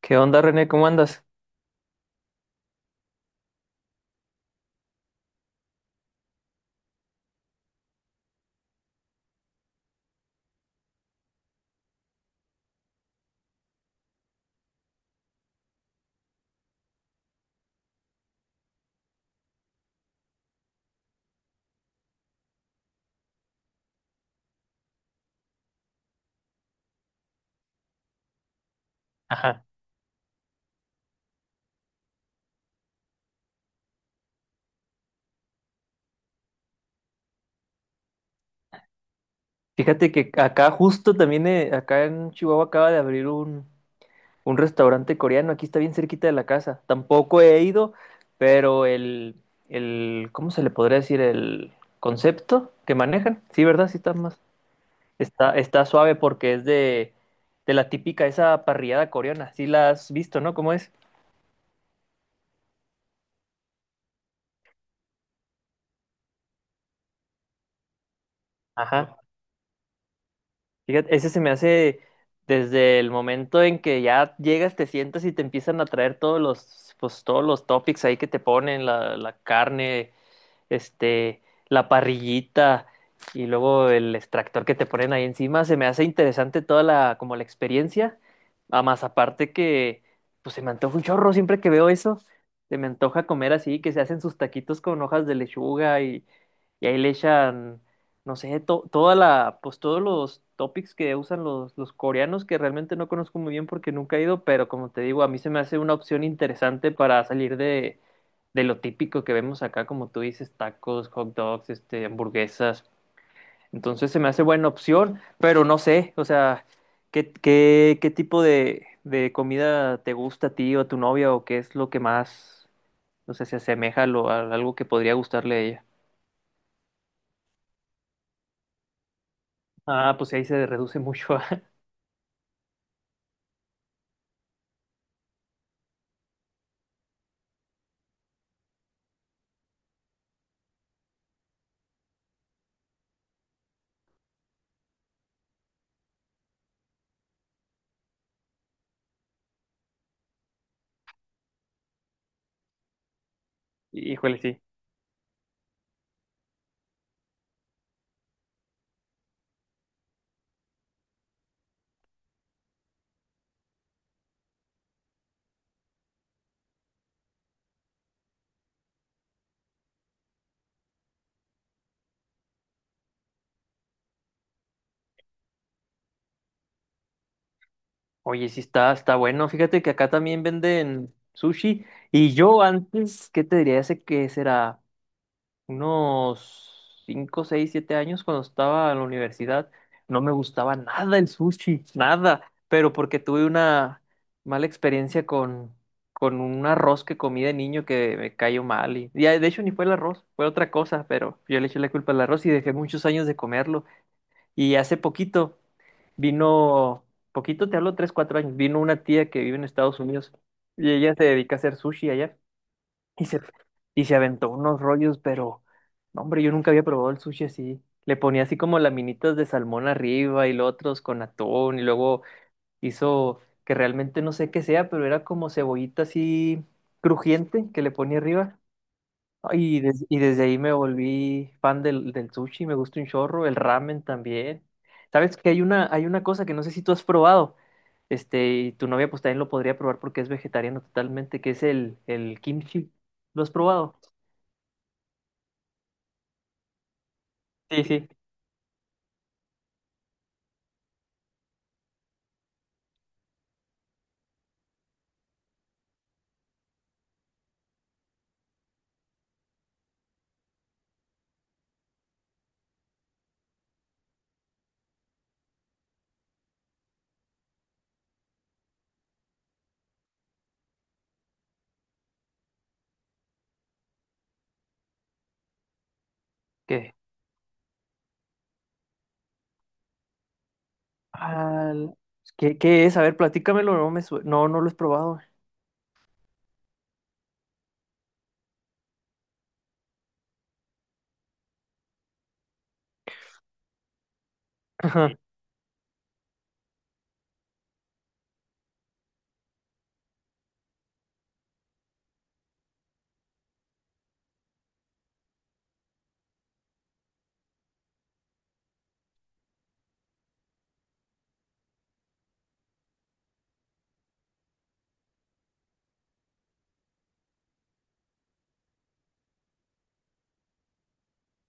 ¿Qué onda, René? ¿Cómo andas? Ajá. Fíjate que acá justo también, acá en Chihuahua acaba de abrir un restaurante coreano. Aquí está bien cerquita de la casa. Tampoco he ido, pero el, ¿cómo se le podría decir? El concepto que manejan. Sí, ¿verdad? Sí está más. Está suave porque es de la típica, esa parrillada coreana. Sí la has visto, ¿no? ¿Cómo es? Ajá. Fíjate, ese se me hace desde el momento en que ya llegas, te sientas y te empiezan a traer todos los, pues, todos los topics ahí que te ponen, la carne, este, la parrillita y luego el extractor que te ponen ahí encima, se me hace interesante toda la, como la experiencia, a más aparte que, pues se me antoja un chorro siempre que veo eso, se me antoja comer así, que se hacen sus taquitos con hojas de lechuga y ahí le echan, no sé, toda la, pues todos los topics que usan los coreanos, que realmente no conozco muy bien porque nunca he ido, pero como te digo, a mí se me hace una opción interesante para salir de lo típico que vemos acá, como tú dices, tacos, hot dogs, hamburguesas. Entonces se me hace buena opción, pero no sé, o sea, ¿qué tipo de comida te gusta a ti o a tu novia o qué es lo que más, no sé, se asemeja a, a algo que podría gustarle a ella? Ah, pues ahí se reduce mucho. Híjole, sí. Oye, sí está, está bueno. Fíjate que acá también venden sushi y yo antes, ¿qué te diría? Hace que será unos 5, 6, 7 años cuando estaba en la universidad, no me gustaba nada el sushi, nada, pero porque tuve una mala experiencia con un arroz que comí de niño que me cayó mal y, de hecho ni fue el arroz, fue otra cosa, pero yo le eché la culpa al arroz y dejé muchos años de comerlo y hace poquito vino, poquito te hablo 3, 4 años, vino una tía que vive en Estados Unidos y ella se dedica a hacer sushi allá. Y se, y se aventó unos rollos, pero, no, hombre, yo nunca había probado el sushi así. Le ponía así como laminitas de salmón arriba y los otros con atún y luego hizo que realmente no sé qué sea, pero era como cebollita así crujiente que le ponía arriba. No, y desde ahí me volví fan del, del sushi, me gusta un chorro, el ramen también. Sabes que hay una cosa que no sé si tú has probado, y tu novia pues también lo podría probar porque es vegetariano totalmente, que es el kimchi. ¿Lo has probado? Sí, sí. ¿Qué? Al- ¿Qué es? A ver, platícamelo, No, no lo he probado. Ajá,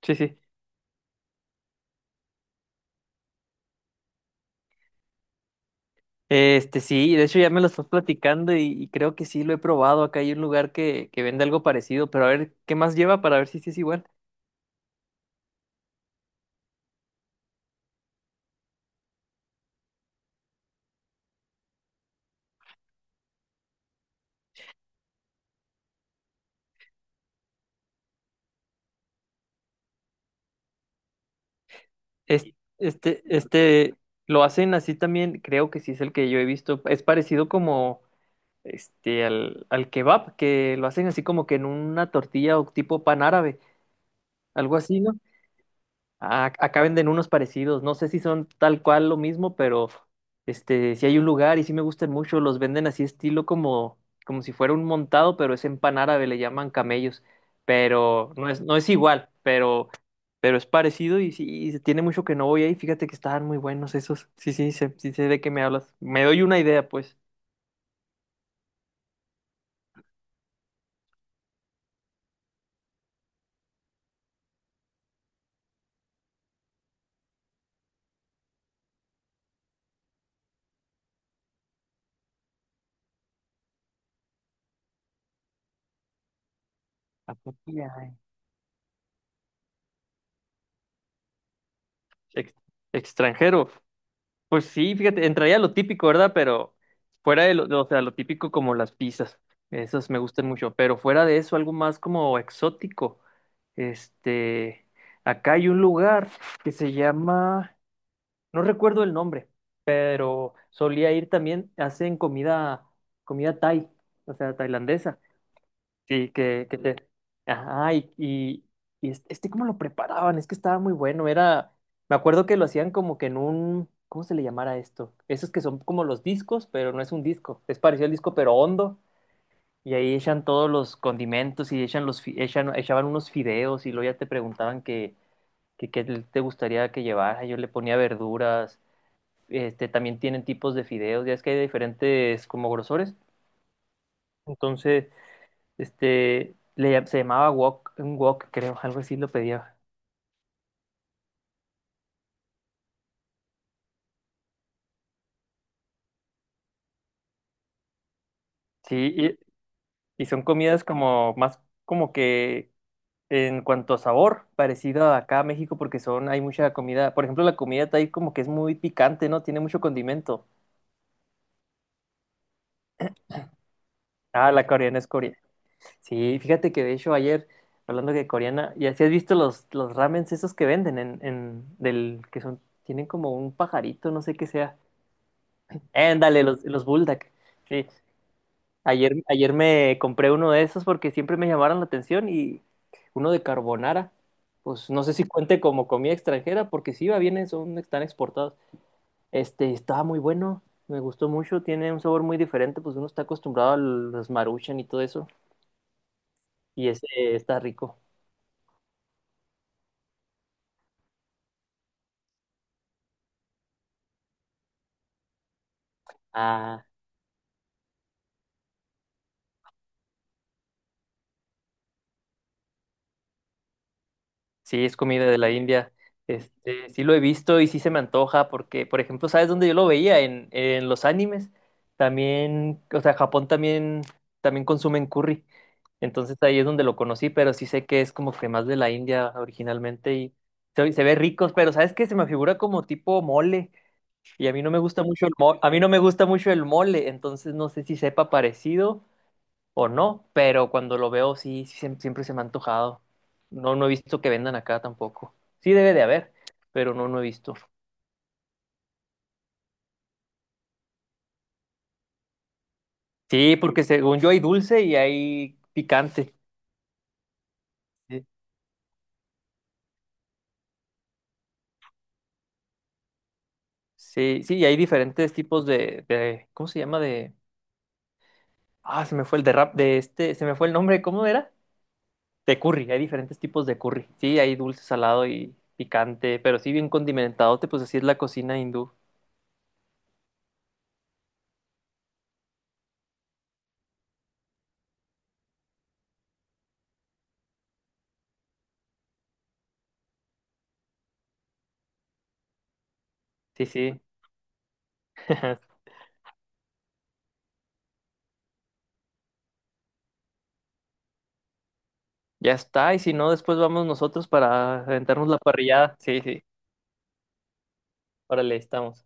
sí, sí. Sí, de hecho ya me lo estás platicando y creo que sí lo he probado. Acá hay un lugar que vende algo parecido, pero a ver, ¿qué más lleva para ver si sí es igual? Es- este, lo hacen así también, creo que sí es el que yo he visto. Es parecido como al, al kebab, que lo hacen así como que en una tortilla o tipo pan árabe, algo así, ¿no? Ah, acá venden unos parecidos, no sé si son tal cual lo mismo, pero si hay un lugar y sí me gustan mucho, los venden así estilo como, como si fuera un montado, pero es en pan árabe, le llaman camellos, pero no es, no es igual, pero es parecido y sí, y se tiene mucho que no voy ahí, fíjate que estaban muy buenos esos, sí, sí, sí sé de qué me hablas, me doy una idea, pues. ¿A poco ya hay? Ex- extranjero, Pues sí, fíjate, entraría lo típico, ¿verdad? Pero fuera de lo, o sea, lo típico como las pizzas, esas me gustan mucho, pero fuera de eso, algo más como exótico. Este, acá hay un lugar que se llama, no recuerdo el nombre, pero solía ir también, hacen comida, comida Thai, o sea, tailandesa. Sí, que te... Ajá, y, cómo lo preparaban, es que estaba muy bueno, era... Me acuerdo que lo hacían como que en un... ¿Cómo se le llamara esto? Esos que son como los discos, pero no es un disco, es parecido al disco, pero hondo, y ahí echan todos los condimentos y echan los, echaban unos fideos y luego ya te preguntaban que qué te gustaría que llevara, yo le ponía verduras, también tienen tipos de fideos, ya es que hay diferentes como grosores, entonces... se llamaba wok, un wok, creo, algo así lo pedía. Sí, y son comidas como más como que en cuanto a sabor, parecido a acá a México, porque son, hay mucha comida. Por ejemplo, la comida ahí como que es muy picante, ¿no? Tiene mucho condimento. Ah, la coreana es coreana. Sí, fíjate que de hecho ayer, hablando de coreana, ya si has visto los ramens esos que venden en, del, que son, tienen como un pajarito, no sé qué sea. Ándale, los bulldog. Sí, Ayer, ayer me compré uno de esos porque siempre me llamaron la atención y uno de carbonara. Pues no sé si cuente como comida extranjera porque sí, va bien, son, están exportados. Estaba muy bueno, me gustó mucho, tiene un sabor muy diferente, pues uno está acostumbrado a los Maruchan y todo eso y ese está rico. Ah, sí, es comida de la India. Sí lo he visto y sí se me antoja porque, por ejemplo, ¿sabes dónde yo lo veía? En los animes. También, o sea, Japón también, también consumen curry. Entonces ahí es donde lo conocí, pero sí sé que es como que más de la India originalmente y se ve ricos, pero ¿sabes qué? Se me figura como tipo mole y a mí no me gusta mucho el mole, a mí no me gusta mucho el mole, entonces no sé si sepa parecido o no, pero cuando lo veo sí, siempre se me ha antojado. No, no he visto que vendan acá tampoco. Sí debe de haber, pero no, no he visto. Sí, porque según yo hay dulce y hay picante. Sí, sí, sí, y hay diferentes tipos de ¿cómo se llama? Ah, se me fue el de rap de se me fue el nombre, ¿cómo era? De curry, hay diferentes tipos de curry. Sí, hay dulce, salado y picante, pero sí bien condimentadote, pues así es la cocina hindú. Sí, sí. Ya está, y si no, después vamos nosotros para aventarnos la parrillada. Sí, sí. Órale, estamos.